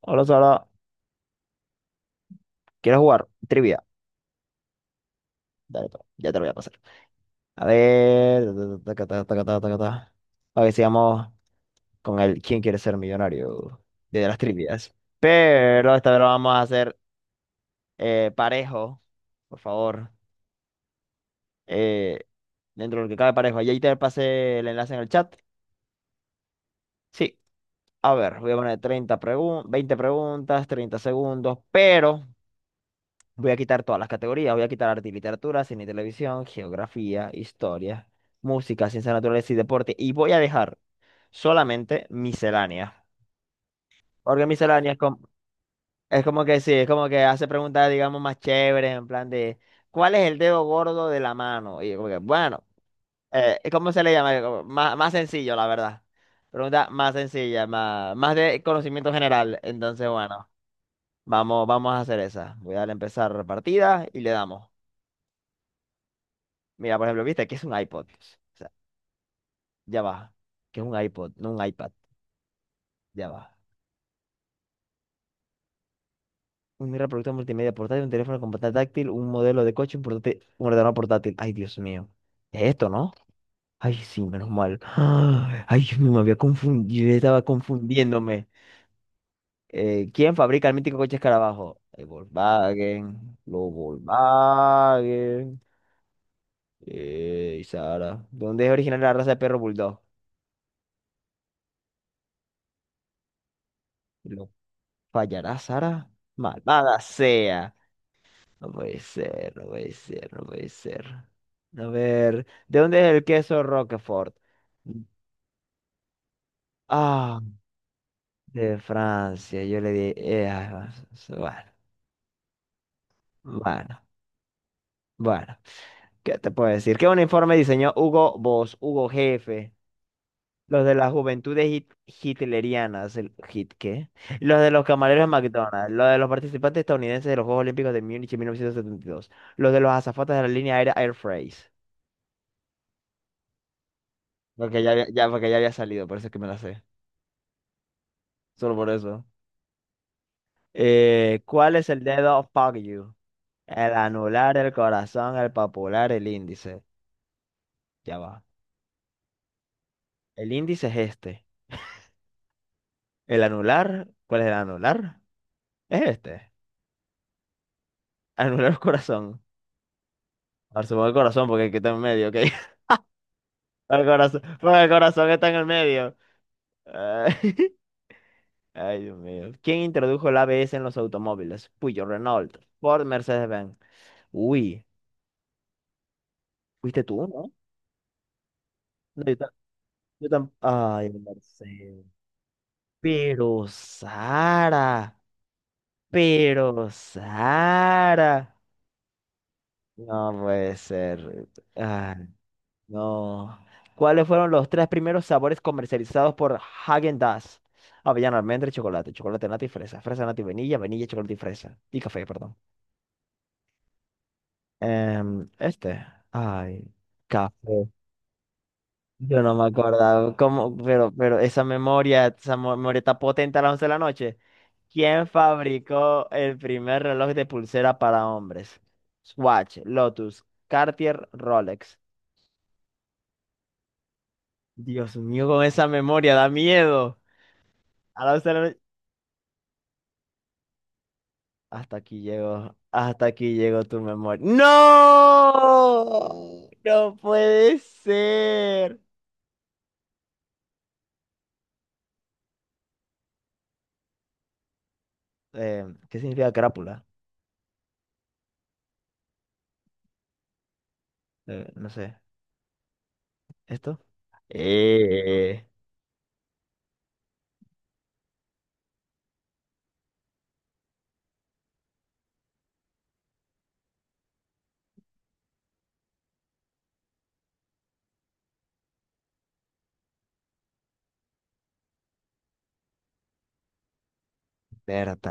Hola Sara, ¿quieres jugar? Trivia. Dale, pues, ya te lo voy a pasar. A ver, taca, taca, taca, taca, taca, taca. A ver, sigamos con el ¿Quién quiere ser millonario? De las trivias. Pero esta vez lo vamos a hacer parejo, por favor. Eh, Dentro de lo que cabe parejo. Ahí te pasé el enlace en el chat. Sí, a ver, voy a poner 20 preguntas, 30 segundos, pero voy a quitar todas las categorías, voy a quitar arte y literatura, cine y televisión, geografía, historia, música, ciencias naturales y deporte. Y voy a dejar solamente miscelánea. Porque miscelánea es como que sí, es como que hace preguntas, digamos, más chéveres, en plan de, ¿cuál es el dedo gordo de la mano? Y yo como que, bueno, ¿cómo se le llama? Como más sencillo, la verdad. Pregunta más sencilla, más de conocimiento general. Entonces, bueno, vamos, vamos a hacer esa. Voy a darle a empezar partida y le damos. Mira, por ejemplo, viste que es un iPod. O sea, ya va. Que es un iPod, no un iPad. Ya va. Un reproductor multimedia portátil, un teléfono con pantalla táctil, un modelo de coche, un portátil, un ordenador portátil. Ay, Dios mío. Es esto, ¿no? Ay, sí, menos mal. Ay, Dios mío, me había confundido. Yo estaba confundiéndome. ¿Quién fabrica el mítico coche Escarabajo? El Volkswagen. Los Volkswagen. Sara. ¿Dónde es original la raza de perro bulldog? ¿Lo fallará, Sara? Malvada sea. No puede ser, no puede ser, no puede ser. A ver, ¿de dónde es el queso Roquefort? Ah, de Francia. Yo le di. Ah, bueno, bueno, bueno. ¿Qué te puedo decir? ¿Qué un informe diseñó Hugo Boss, Hugo Jefe, los de las juventudes hitlerianas, el hit qué, los de los camareros de McDonald's, los de los participantes estadounidenses de los Juegos Olímpicos de Múnich en 1972, los de los azafatas de la línea aérea Air France? Porque ya había salido, por eso es que me la sé. Solo por eso. ¿Cuál es el dedo fuck you? El anular, el corazón, el popular, el índice. Ya va. El índice es este. El anular, ¿cuál es el anular? Es este. Anular el corazón. Ahora supongo el corazón porque aquí está en medio, ¿ok? El corazón, porque el corazón está en el medio. Ay, ay, Dios mío. ¿Quién introdujo el ABS en los automóviles? Puyo, Renault, Ford, Mercedes-Benz. Uy, fuiste tú, ¿no? No, yo, ta- yo tam- Ay, Mercedes. Pero Sara, pero Sara. No puede ser. Ah, no. ¿Cuáles fueron los tres primeros sabores comercializados por Häagen-Dazs? Avellana, almendra y chocolate. Chocolate, nata y fresa. Fresa, nata y vainilla. Vainilla, chocolate y fresa. Y café, perdón. Este. Ay, café. Yo no me acordaba cómo, pero esa memoria, memoria está potente a las 11 de la noche. ¿Quién fabricó el primer reloj de pulsera para hombres? Swatch, Lotus, Cartier, Rolex. Dios mío, con esa memoria da miedo. A las once de la noche. Hasta aquí llegó tu memoria. ¡No! No puede ser. ¿Qué significa crápula? No sé. ¿Esto? Eh, Espérate.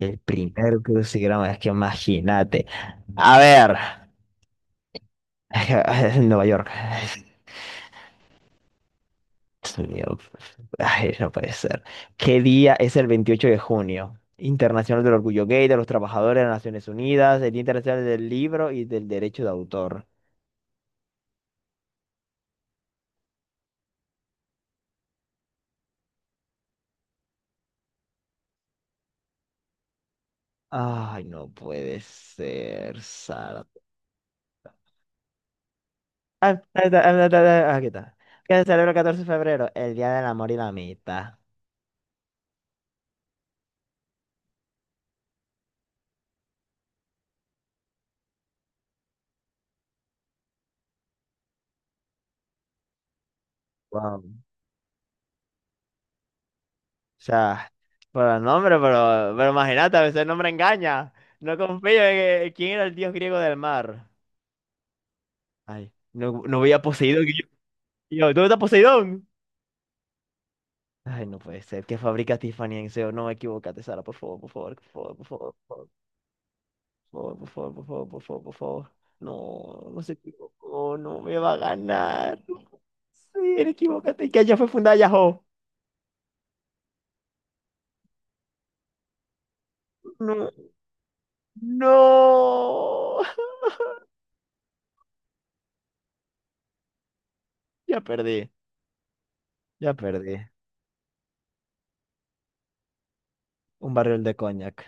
El primer crucigrama, es que imagínate. A ver, Nueva York. Dios mío, ay, no puede ser. ¿Qué día es el 28 de junio? Internacional del Orgullo Gay, de los Trabajadores de las Naciones Unidas, el Día Internacional del Libro y del Derecho de Autor. Ay, no puede ser, Sara. Ah, ah, ah, ah, ah, ah, aquí está. ¿Qué se celebra el 14 de febrero? El Día del Amor y la Amistad. Wow. O sea, por el nombre, pero imagínate, a veces el nombre engaña. No confío en quién era el dios griego del mar. Ay, no, no veía Poseidón. Y yo, ¿dónde está Poseidón? Ay, no puede ser. ¿Qué fabrica Tiffany en SEO? No, equivócate, Sara, por favor, por favor, por favor, por favor, por favor, por favor, por favor, por favor, por favor. No, no se equivocó, no me va a ganar. Sí, equivócate, que allá fue fundada Yahoo. No, no. Ya perdí, ya perdí. Un barril de coñac.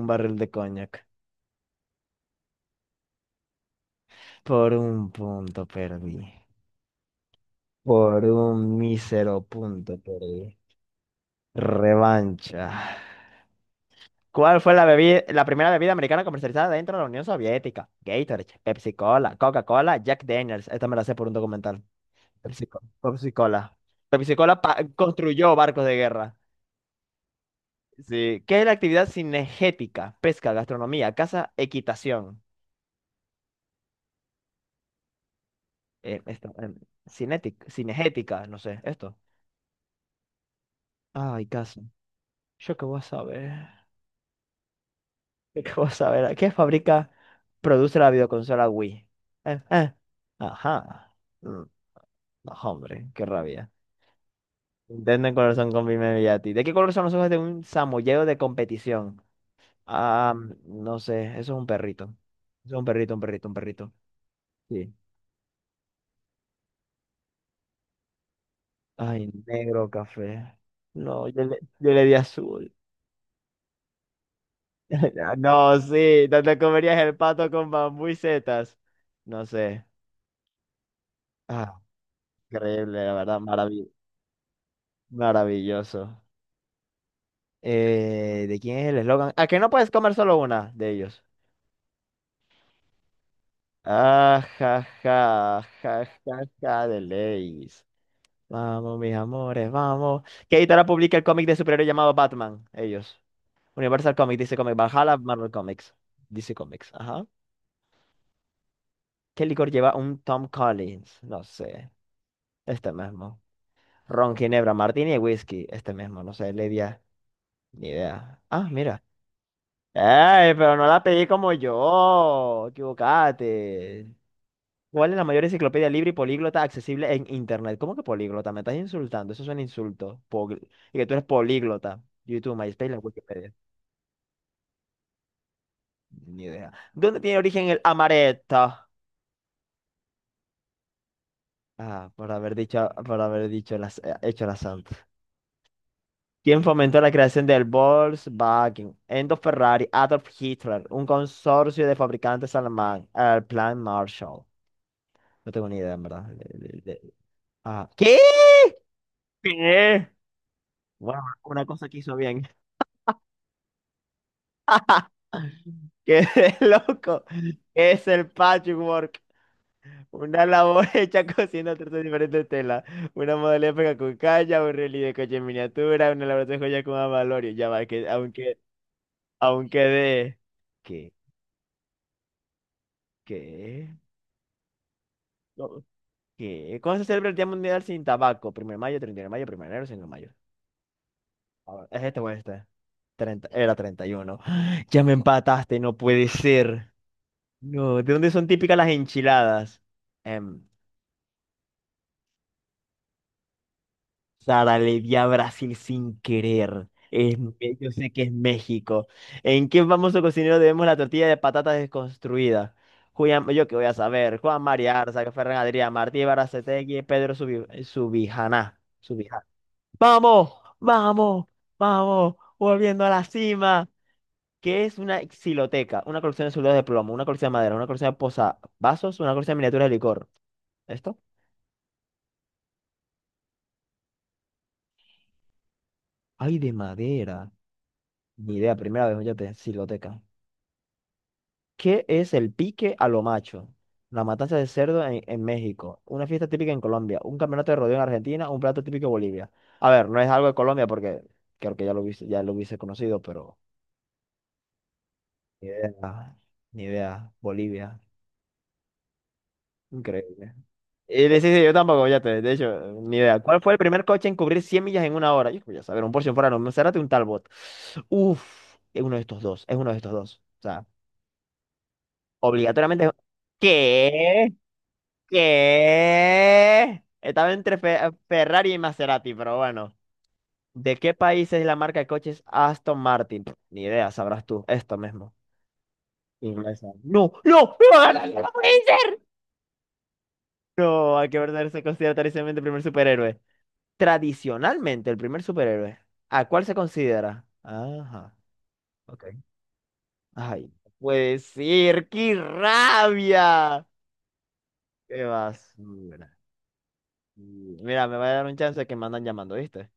Un barril de coñac. Por un punto perdí. Por un mísero punto perdí. Revancha. ¿Cuál fue la primera bebida americana comercializada dentro de la Unión Soviética? Gatorade, Pepsi Cola, Coca-Cola, Jack Daniels. Esta me la sé por un documental. Pepsi Cola. Pepsi Cola construyó barcos de guerra. Sí. ¿Qué es la actividad cinegética? Pesca, gastronomía, caza, equitación. Esto, cinegética, no sé, esto. Ay, caso. Yo qué voy a saber. Yo qué voy a saber. ¿Qué produce la videoconsola Wii? Eh, eh. Ajá. Mm, No, hombre, qué rabia. Intenten color son con Bimini Yati. ¿De qué color son los ojos de un samoyedo de competición? Ah, no sé. Eso es un perrito. Eso es un perrito, un perrito, un perrito. Sí. Ay, negro, café. No, yo le di azul. No, sí. ¿Dónde comerías el pato con bambú y setas? No sé. Ah, increíble, la verdad, maravilloso. ¿De quién es el eslogan? ¿A que no puedes comer solo una de ellos? Ah, ja, ja, ja, ja, ja, de leyes. Vamos, mis amores, vamos. ¿Qué editora publica el cómic de superhéroe llamado Batman? Ellos. Universal Comics, DC Comics, Valhalla, Marvel Comics. DC Comics, ajá. ¿Qué licor lleva un Tom Collins? No sé, este mismo. Ron, Ginebra, Martini y Whisky, este mismo, no sé, Ledia, ni idea. Ah, mira. Ay, pero no la pedí como yo. Equivocate. ¿Cuál es la mayor enciclopedia libre y políglota accesible en Internet? ¿Cómo que políglota? Me estás insultando. Eso es un insulto. Y que tú eres políglota. YouTube, MySpace, la Wikipedia. Ni idea. ¿Dónde tiene origen el amaretto? Ah, por haber dicho las, hecho la santa. ¿Quién fomentó la creación del Volkswagen? Enzo Ferrari, Adolf Hitler, un consorcio de fabricantes alemán, el Plan Marshall. No tengo ni idea, en verdad. Ah, ¿qué? ¿Qué? Bueno, una cosa que hizo bien. Qué de loco. Es el patchwork. Una labor hecha cosiendo tres diferentes telas. Una modalidad pega con calla, un relieve de coche en miniatura, una elaboración de joya con amalorio. Ya va, que aunque de. ¿Qué? ¿Qué? No, ¿qué? ¿Cuándo se celebra el Día Mundial sin Tabaco? Primero de mayo, 31 de mayo, primero de enero, 5 de mayo. A ver, ¿es este o este? 30 era 31. Ya me empataste, no puede ser. No, ¿de dónde son típicas las enchiladas? Em, Sara, le di a Brasil sin querer. Es yo sé que es México. ¿En qué famoso cocinero debemos la tortilla de patatas desconstruida? Julián, yo qué voy a saber. Juan María Arza, Ferran Adrià, Martí Baracetegui, Pedro Subijaná. Subijá. ¡Vamos! ¡Vamos! ¡Vamos! Volviendo a la cima. ¿Qué es una xiloteca? Una colección de soldados de plomo, una colección de madera, una colección de posavasos, una colección de miniaturas de licor. ¿Esto? Ay, de madera. Ni idea, primera vez, fíjate, siloteca. ¿Qué es el pique a lo macho? La matanza de cerdo en México. Una fiesta típica en Colombia. Un campeonato de rodeo en Argentina. Un plato típico en Bolivia. A ver, no es algo de Colombia porque creo que ya lo hubiese conocido, pero ni idea. Ni idea. Bolivia. Increíble. Y le sí, sí, yo tampoco, fíjate. De hecho, ni idea. ¿Cuál fue el primer coche en cubrir 100 millas en una hora? Yo voy a saber, un Porsche Ferrari, un Maserati, un Talbot. Uf, es uno de estos dos. Es uno de estos dos. O sea. Obligatoriamente. ¿Qué? ¿Qué? Estaba entre Ferrari y Maserati, pero bueno. ¿De qué país es la marca de coches Aston Martin? Pff, ni idea, sabrás tú. Esto mismo. Inglesa. No, no, no, no, no, no no, no puede ser. No, hay que verdadero se considera tradicionalmente el primer superhéroe. Tradicionalmente el primer superhéroe. ¿A cuál se considera? Ajá. Ok. Ay, no puede ser, qué rabia. ¿Qué vas? Mira, me va a dar un chance que me andan llamando, ¿viste?